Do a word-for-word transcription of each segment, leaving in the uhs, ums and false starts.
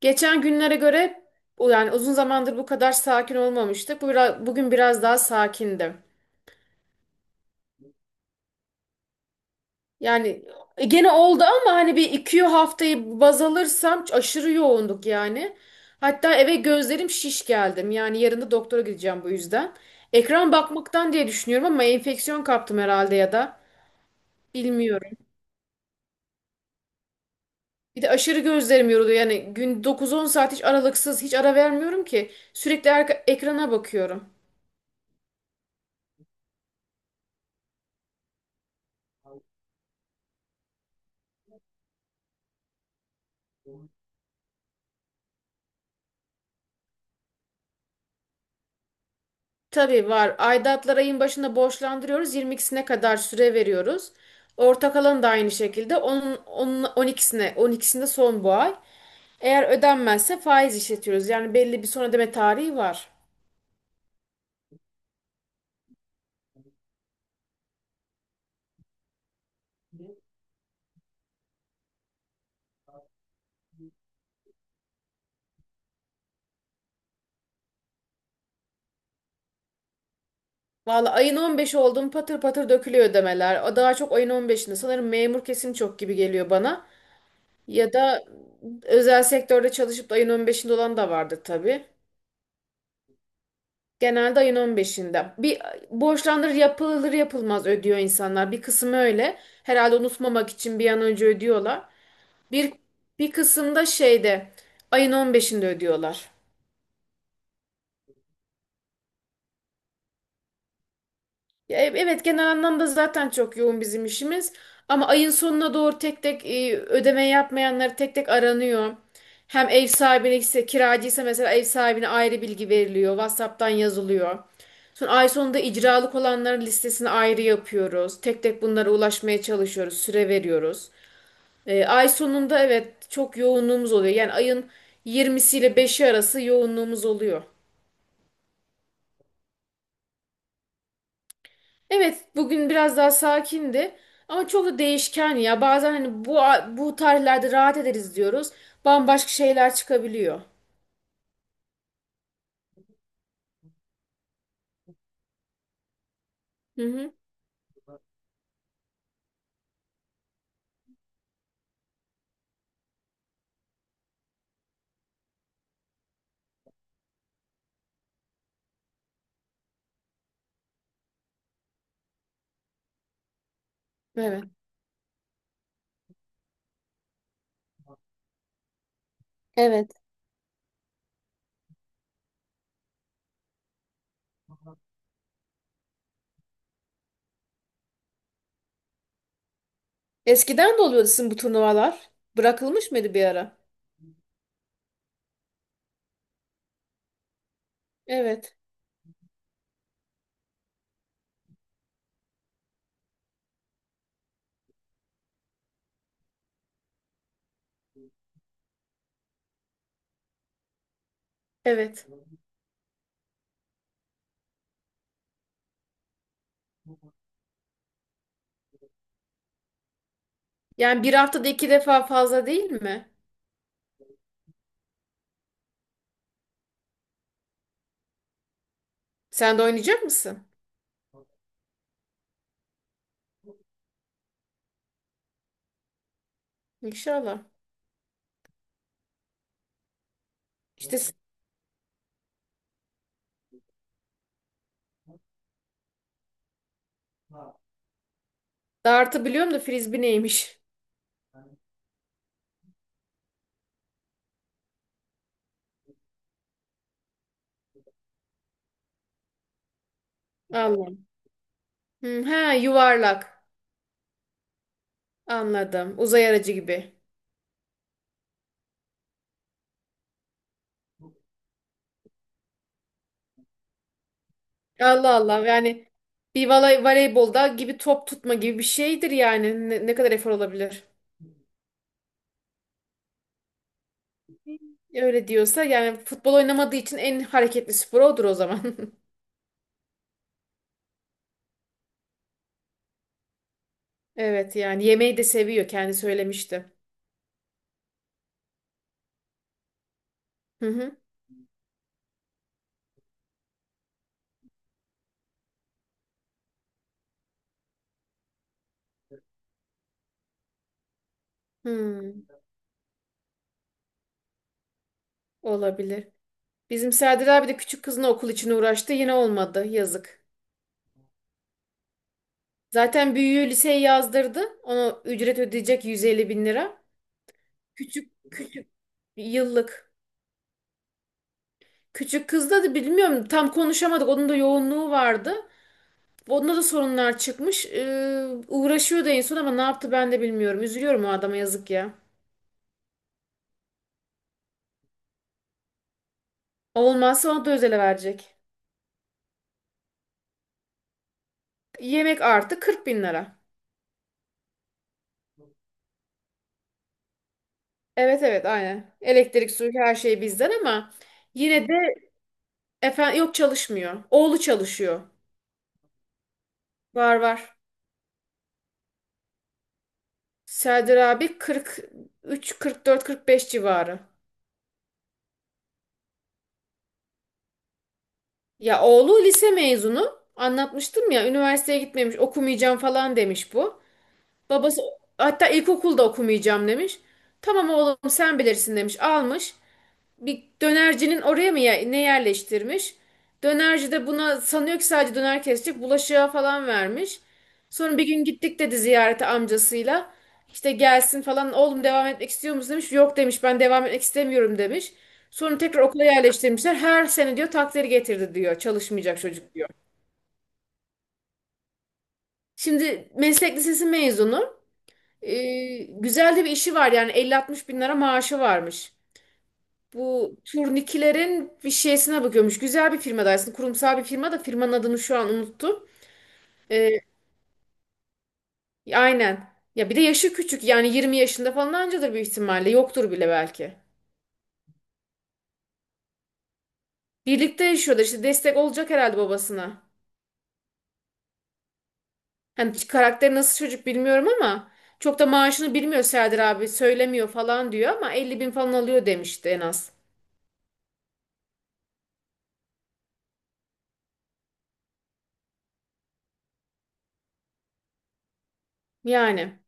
Geçen günlere göre o yani uzun zamandır bu kadar sakin olmamıştık. Bu biraz, bugün biraz daha sakindim. Yani e, gene oldu ama hani bir iki haftayı baz alırsam aşırı yoğunduk yani. Hatta eve gözlerim şiş geldim. Yani yarın da doktora gideceğim bu yüzden. Ekran bakmaktan diye düşünüyorum ama enfeksiyon kaptım herhalde ya da bilmiyorum. Bir de aşırı gözlerim yoruluyor. Yani gün dokuz on saat hiç aralıksız hiç ara vermiyorum ki. Sürekli arka- ekrana bakıyorum. Tabii var. Aidatları ayın başında borçlandırıyoruz. yirmi ikisine kadar süre veriyoruz. Ortak alanı da aynı şekilde. Onun, onun on ikisine, on ikisinde son bu ay. Eğer ödenmezse faiz işletiyoruz. Yani belli bir son ödeme tarihi var. Valla ayın on beşi oldu mu patır patır dökülüyor ödemeler. O daha çok ayın on beşinde. Sanırım memur kesim çok gibi geliyor bana. Ya da özel sektörde çalışıp da ayın on beşinde olan da vardır tabii. Genelde ayın on beşinde. Bir borçlandır yapılır yapılmaz ödüyor insanlar. Bir kısmı öyle. Herhalde unutmamak için bir an önce ödüyorlar. Bir bir kısımda şeyde ayın on beşinde ödüyorlar. Ya, e- evet genel anlamda zaten çok yoğun bizim işimiz. Ama ayın sonuna doğru tek tek e, ödeme yapmayanlar tek tek aranıyor. Hem ev sahibine ise kiracıysa mesela ev sahibine ayrı bilgi veriliyor. WhatsApp'tan yazılıyor. Sonra ay sonunda icralık olanların listesini ayrı yapıyoruz. Tek tek bunlara ulaşmaya çalışıyoruz. Süre veriyoruz. E, ay sonunda evet çok yoğunluğumuz oluyor. Yani ayın yirmisi ile beşi arası yoğunluğumuz oluyor. Evet, bugün biraz daha sakindi ama çok da değişken ya. Bazen hani bu bu tarihlerde rahat ederiz diyoruz. Bambaşka şeyler çıkabiliyor. Hı hı. Evet. Evet. Eskiden de oluyordu sizin bu turnuvalar. Bırakılmış mıydı bir ara? Evet. Evet. Yani bir haftada iki defa fazla değil mi? Sen de oynayacak mısın? İnşallah. İşte s- dartı biliyorum da frisbee neymiş? Allahım. Hı, ha, yuvarlak. Anladım. Uzay aracı gibi. Allah Allah, yani bir voley- voleybolda gibi top tutma gibi bir şeydir yani ne, ne kadar efor olabilir? Öyle diyorsa yani futbol oynamadığı için en hareketli spor odur o zaman. Evet, yani yemeği de seviyor, kendi söylemişti. Hı hı. Hmm, olabilir. Bizim Serdar abi de küçük kızına okul için uğraştı, yine olmadı, yazık. Zaten büyüğü liseye yazdırdı. Ona ücret ödeyecek yüz elli bin lira. Küçük küçük yıllık. Küçük kızda da bilmiyorum, tam konuşamadık. Onun da yoğunluğu vardı. Onda da sorunlar çıkmış. Ee, uğraşıyordu en son ama ne yaptı ben de bilmiyorum. Üzülüyorum, o adama yazık ya. Olmazsa ona da özele verecek. Yemek artı kırk bin lira. Evet, evet, aynen. Elektrik, su, her şey bizden ama yine de, efendim, yok, çalışmıyor. Oğlu çalışıyor. Var, var. Serdar abi kırk üç, kırk dört, kırk beş civarı. Ya oğlu lise mezunu. Anlatmıştım ya, üniversiteye gitmemiş, okumayacağım falan demiş bu. Babası hatta ilkokulda okumayacağım demiş. Tamam oğlum sen bilirsin demiş. Almış. Bir dönercinin oraya mı ye- ne yerleştirmiş? Dönerci de buna sanıyor ki sadece döner kesecek. Bulaşığa falan vermiş. Sonra bir gün gittik dedi ziyarete amcasıyla. İşte gelsin falan, oğlum devam etmek istiyor musun demiş. Yok demiş, ben devam etmek istemiyorum demiş. Sonra tekrar okula yerleştirmişler. Her sene diyor takdiri getirdi diyor. Çalışmayacak çocuk diyor. Şimdi meslek lisesi mezunu. Ee, güzel de bir işi var, yani elli altmış bin lira maaşı varmış. Bu turnikilerin bir şeysine bakıyormuş. Güzel bir firma aslında, kurumsal bir firma da, firmanın adını şu an unuttum. Ee, aynen. Ya bir de yaşı küçük, yani yirmi yaşında falan ancadır büyük ihtimalle, yoktur bile belki. Birlikte yaşıyorlar, işte destek olacak herhalde babasına. Hani karakteri nasıl çocuk bilmiyorum ama çok da maaşını bilmiyor Serdar abi, söylemiyor falan diyor ama elli bin falan alıyor demişti en az. Yani.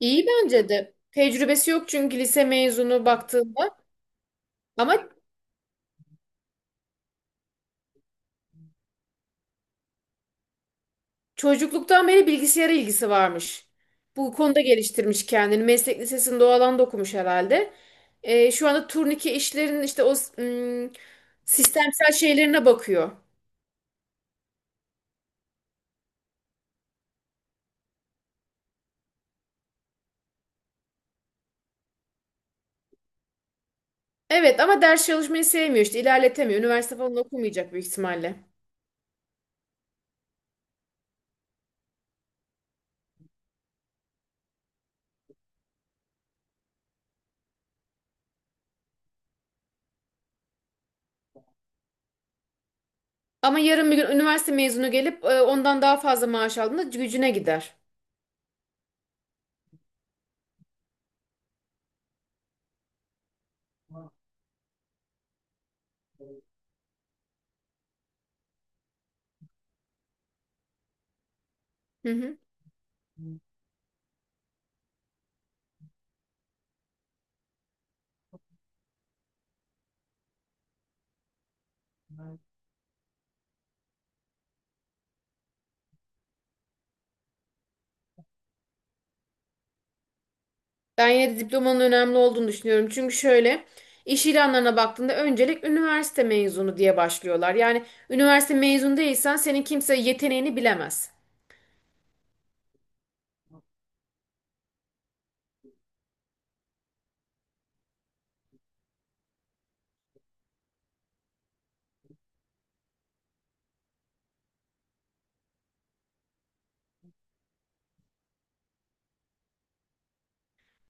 İyi bence de. Tecrübesi yok çünkü, lise mezunu baktığında. Ama çocukluktan beri bilgisayara ilgisi varmış. Bu konuda geliştirmiş kendini. Meslek lisesinde o alanda okumuş herhalde. Ee, şu anda turnike işlerinin işte o ım, sistemsel şeylerine bakıyor. Evet ama ders çalışmayı sevmiyor, işte ilerletemiyor. Üniversite falan okumayacak büyük ihtimalle. Ama yarın bir gün üniversite mezunu gelip e, ondan daha fazla maaş aldığında gücüne gider. Hı hı. Ben yine de diplomanın önemli olduğunu düşünüyorum. Çünkü şöyle, iş ilanlarına baktığında öncelik üniversite mezunu diye başlıyorlar. Yani üniversite mezunu değilsen senin kimse yeteneğini bilemez.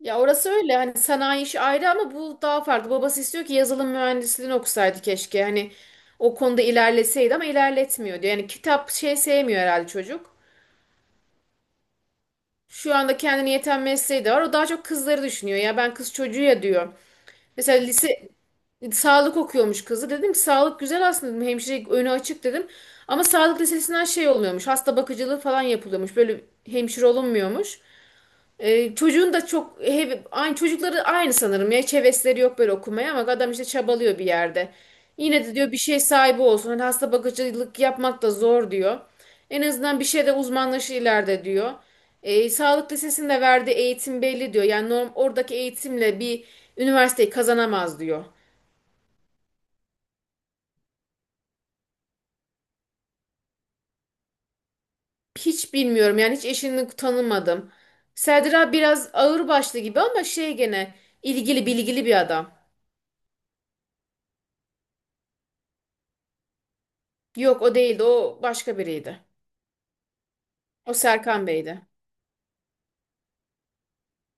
Ya orası öyle, hani sanayi işi ayrı ama bu daha farklı. Babası istiyor ki yazılım mühendisliğini okusaydı keşke. Hani o konuda ilerleseydi ama ilerletmiyor diyor. Yani kitap, şey, sevmiyor herhalde çocuk. Şu anda kendine yeten mesleği de var. O daha çok kızları düşünüyor. Ya ben kız çocuğu ya diyor. Mesela lise sağlık okuyormuş kızı. Dedim ki sağlık güzel aslında dedim. Hemşire önü açık dedim. Ama sağlık lisesinden şey olmuyormuş. Hasta bakıcılığı falan yapılıyormuş. Böyle hemşire olunmuyormuş. Ee, çocuğun da çok hep, aynı çocukları aynı sanırım ya, hiç hevesleri yok böyle okumaya ama adam işte çabalıyor bir yerde. Yine de diyor bir şey sahibi olsun. Hani hasta bakıcılık yapmak da zor diyor. En azından bir şeyde uzmanlaşır ileride diyor. Ee, sağlık lisesinde verdiği eğitim belli diyor. Yani norm, oradaki eğitimle bir üniversiteyi kazanamaz diyor. Hiç bilmiyorum, yani hiç eşini tanımadım. Serdar abi biraz ağırbaşlı gibi ama şey, gene ilgili, bilgili bir adam. Yok, o değildi, o başka biriydi. O Serkan Bey'di.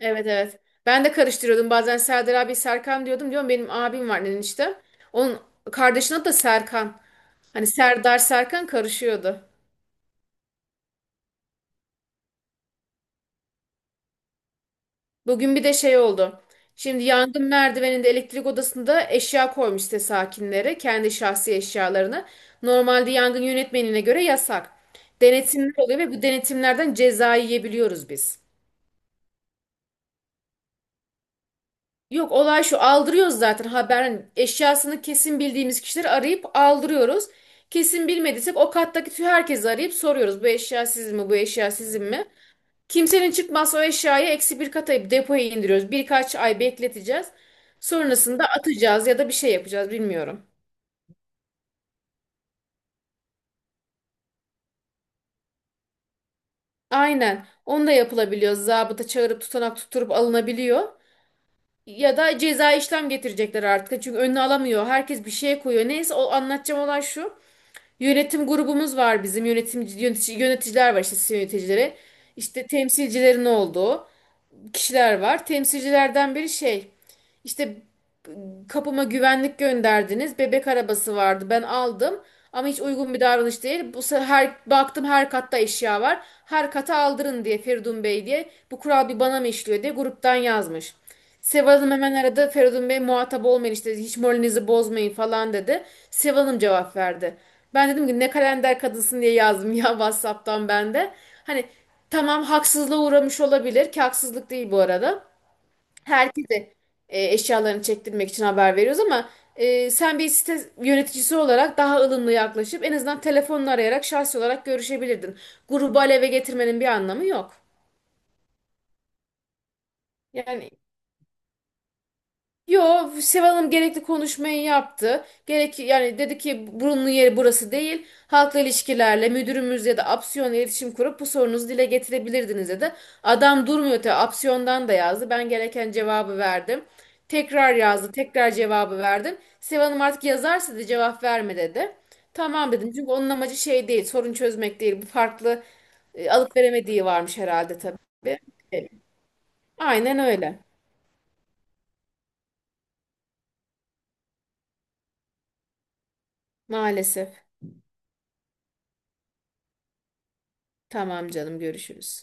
Evet, evet. Ben de karıştırıyordum. Bazen Serdar abi Serkan diyordum. Diyorum benim abim var işte. Onun kardeşinin adı da Serkan. Hani Serdar, Serkan karışıyordu. Bugün bir de şey oldu. Şimdi yangın merdiveninde, elektrik odasında eşya koymuş site sakinleri. Kendi şahsi eşyalarını. Normalde yangın yönetmenine göre yasak. Denetimler oluyor ve bu denetimlerden ceza yiyebiliyoruz biz. Yok, olay şu, aldırıyoruz zaten haber, hani eşyasını kesin bildiğimiz kişileri arayıp aldırıyoruz. Kesin bilmediysek o kattaki tüm herkesi arayıp soruyoruz, bu eşya sizin mi, bu eşya sizin mi? Kimsenin çıkmazsa o eşyayı eksi bir kata, depoya indiriyoruz. Birkaç ay bekleteceğiz. Sonrasında atacağız ya da bir şey yapacağız, bilmiyorum. Aynen, onu da yapılabiliyor. Zabıta çağırıp tutanak tutturup alınabiliyor. Ya da ceza işlem getirecekler artık. Çünkü önüne alamıyor. Herkes bir şeye koyuyor. Neyse, o anlatacağım olay şu. Yönetim grubumuz var bizim, yönetimci yönetici, yöneticiler var, işte site yöneticileri. İşte temsilcilerin olduğu kişiler var. Temsilcilerden biri şey, işte, kapıma güvenlik gönderdiniz. Bebek arabası vardı, ben aldım ama hiç uygun bir davranış değil. Bu sefer her, baktım her katta eşya var. Her kata aldırın diye Feridun Bey diye, bu kural bir bana mı işliyor diye gruptan yazmış. Seval Hanım hemen aradı. Feridun Bey muhatap olmayın, işte hiç moralinizi bozmayın falan dedi. Seval Hanım cevap verdi. Ben dedim ki ne kalender kadınsın diye yazdım ya, WhatsApp'tan ben de. Hani tamam, haksızlığa uğramış olabilir ki haksızlık değil bu arada. Herkese e, eşyalarını çektirmek için haber veriyoruz ama e, sen bir site yöneticisi olarak daha ılımlı yaklaşıp en azından telefonla arayarak şahsi olarak görüşebilirdin. Grubu aleve getirmenin bir anlamı yok. Yani, yo, Seval Hanım gerekli konuşmayı yaptı. Gerek yani, dedi ki burunlu yeri burası değil. Halkla ilişkilerle müdürümüz ya da Apsiyon'la iletişim kurup bu sorunuzu dile getirebilirdiniz dedi. Adam durmuyor tabii, Apsiyon'dan da yazdı. Ben gereken cevabı verdim. Tekrar yazdı, tekrar cevabı verdim. Seval Hanım artık yazarsa da cevap verme dedi. Tamam dedim çünkü onun amacı şey değil, sorun çözmek değil. Bu farklı e, alıp veremediği varmış herhalde tabii. E, Aynen öyle. Maalesef. Tamam canım, görüşürüz.